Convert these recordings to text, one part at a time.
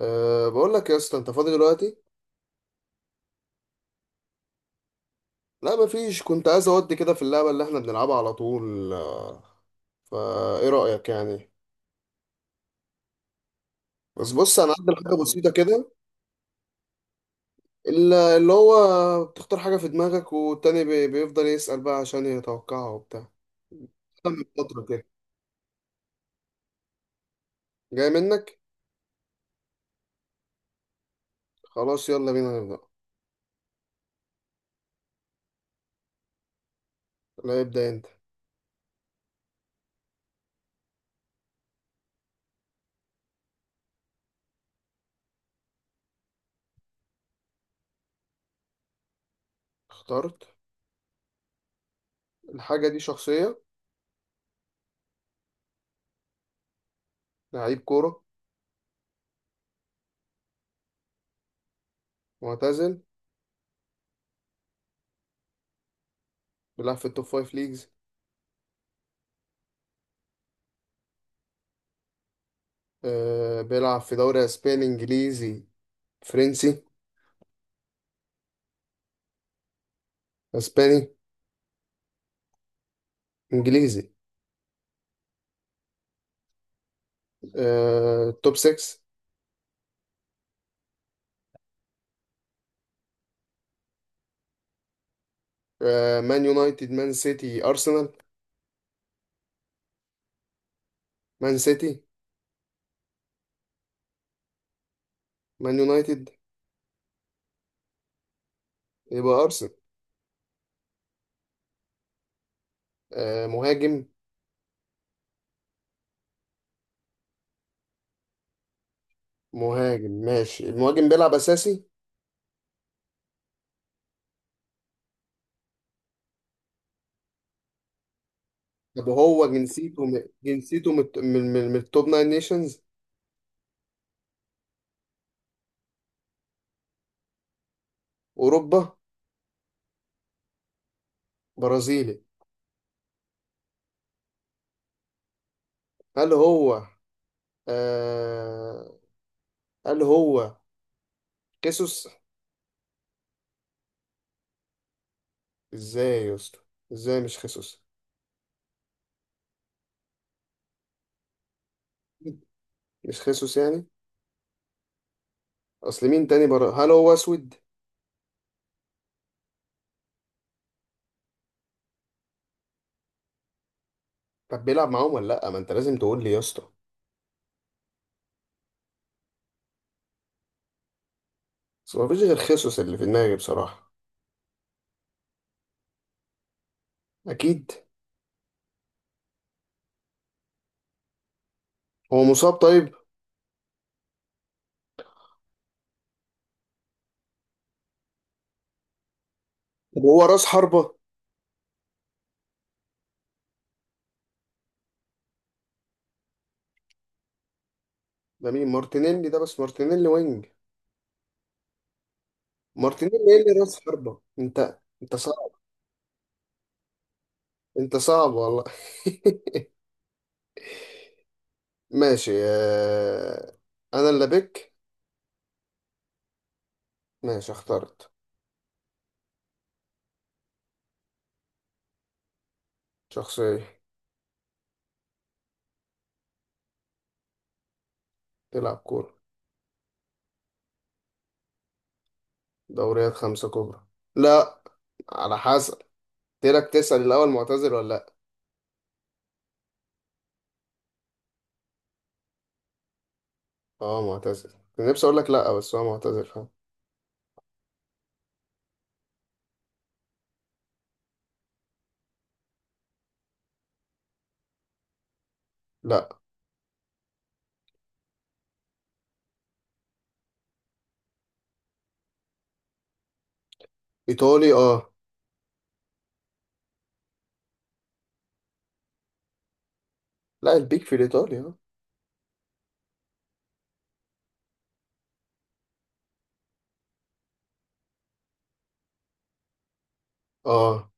بقول لك يا اسطى انت فاضي دلوقتي. لا، مفيش. كنت عايز اودي كده في اللعبه اللي احنا بنلعبها على طول. فا ايه رايك يعني؟ بس بص، انا عندي حاجه بسيطه كده. اللي هو بتختار حاجه في دماغك والتاني بيفضل يسال بقى عشان يتوقعها وبتاع. من فتره كده جاي منك. خلاص، يلا بينا نبدا. لا، ابدا انت. اخترت. الحاجه دي شخصيه. لعيب كوره. معتزل. بيلعب في التوب فايف ليجز. بيلعب في دوري اسباني، انجليزي، فرنسي. اسباني. انجليزي. توب 6. مان يونايتد، مان سيتي، ارسنال. مان سيتي. مان يونايتد. يبقى ارسنال. مهاجم. مهاجم، ماشي. المهاجم بيلعب اساسي؟ طب هو جنسيته جنسيته من التوب 9 نيشنز؟ اوروبا؟ برازيلي. هل هو آه هل هو خيسوس؟ ازاي يا اسطى؟ ازاي مش خيسوس؟ مش خيسوس يعني. اصل مين تاني برا؟ هل هو اسود؟ طب بيلعب معاهم ولا لا؟ ما انت لازم تقول لي يا اسطى. بس مفيش غير خيسوس اللي في دماغي بصراحة. أكيد. هو مصاب طيب؟ طب هو راس حربة؟ ده مين؟ مارتينيلي ده؟ بس مارتينيلي وينج. مارتينيلي؟ إيه اللي راس حربة؟ أنت صعب. أنت صعب والله. ماشي. أنا اللي بك. ماشي، اخترت. شخصية. تلعب كورة. دوريات خمسة كبرى. لا، على حسب. تيرك تسأل الأول معتزل ولا لأ. اه، معتزل. كنت نفسي أقول لك لأ بس هو معتزل، فاهم. لأ. إيطالي، اه. لا، البيك في الإيطالي، اه. اه.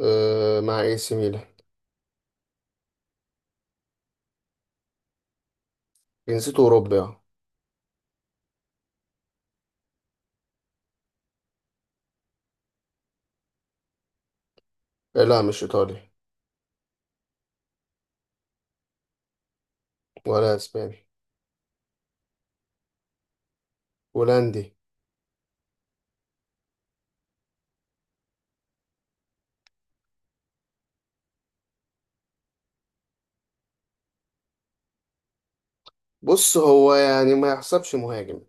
مع اي سي ميلان. جنسيته اوروبي، اه. لا مش ايطالي. ولا اسباني. هولندي. بص هو يعني ما يحسبش مهاجم.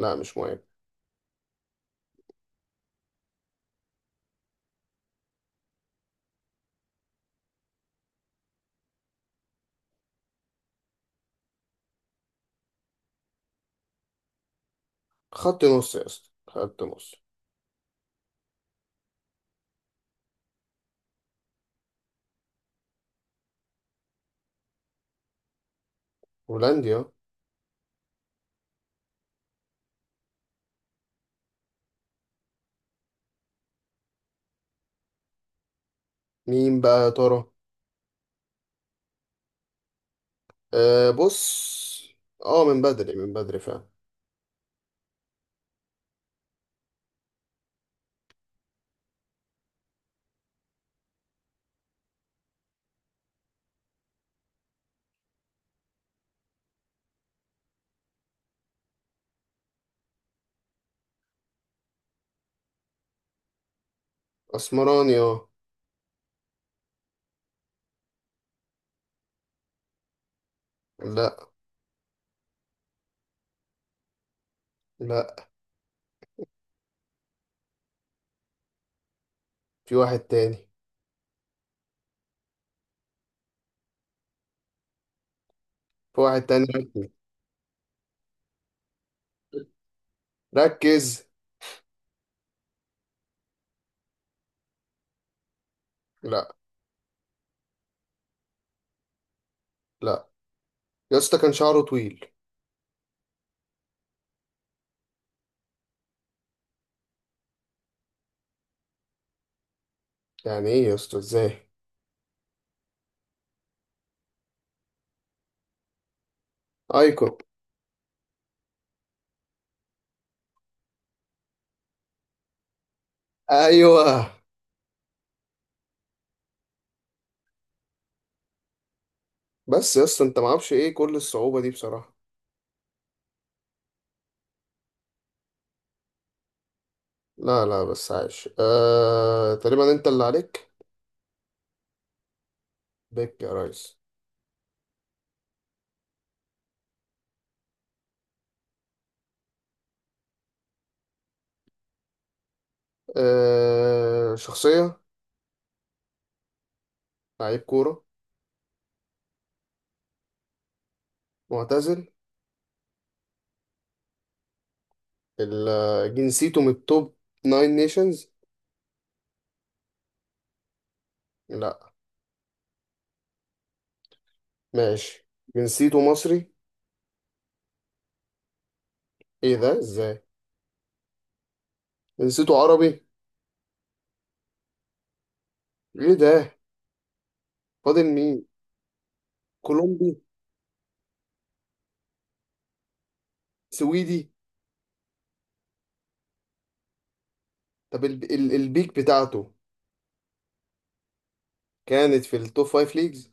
لا مش مهاجم. خط نص يا اسطى، خط نص. هولندي، اه. مين بقى يا ترى؟ بص. اه، من بدري، من بدري فعلا. اسمراني، اه. لا لا. في واحد تاني، في واحد تاني، ركز. ركز. لا لا يا اسطى، كان شعره طويل. يعني ايه يا اسطى؟ ازاي؟ ايكون. ايوه. بس يا اسطى انت معرفش ايه كل الصعوبة دي بصراحة. لا لا، بس عايش. تقريبا. انت اللي عليك. بيك يا ريس. شخصية. لعيب كورة. معتزل. جنسيته من التوب ناين نيشنز. لا. ماشي. جنسيته مصري؟ ايه ده؟ ازاي؟ جنسيته عربي؟ ايه ده؟ فاضل مين؟ كولومبي؟ سويدي؟ طب البيك بتاعته كانت في التوب فايف ليجز.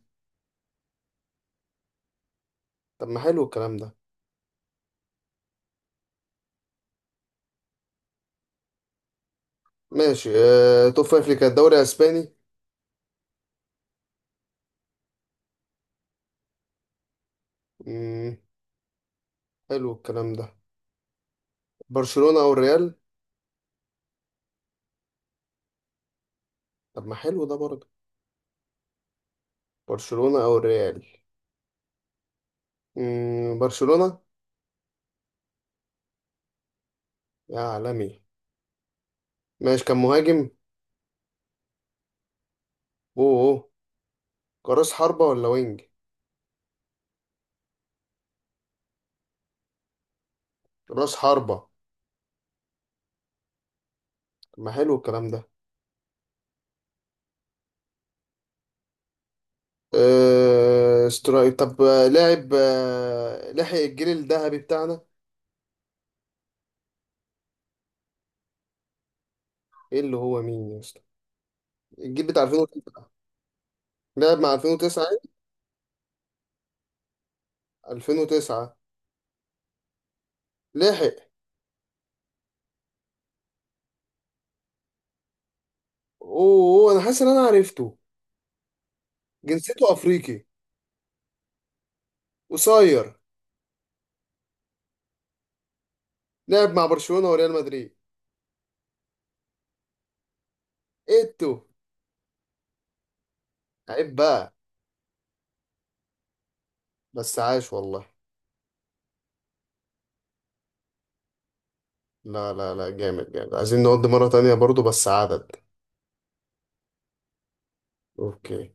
طب ما حلو الكلام ده. ماشي. توب فايف ليج كان الدوري الاسباني. مم. حلو الكلام ده. برشلونة او الريال. طب ما حلو ده برضه. برشلونة او الريال. برشلونة. يا عالمي. ماشي، كان مهاجم. اوه اوه. كراس حربة ولا وينج؟ راس حربة. طب ما حلو الكلام ده. طب لاعب لحق الجيل الذهبي بتاعنا. ايه اللي هو مين يا اسطى؟ الجيل بتاع 2009. لعب مع 2009 إيه؟ 2009. لحق. اوه أوه، انا حاسس ان انا عرفته. جنسيته افريقي. قصير. لعب مع برشلونة وريال مدريد. ايه التو. عيب بقى. بس عاش والله. لا لا لا، جامد جامد، عايزين نقضي مرة تانية برضو بس عدد. اوكي.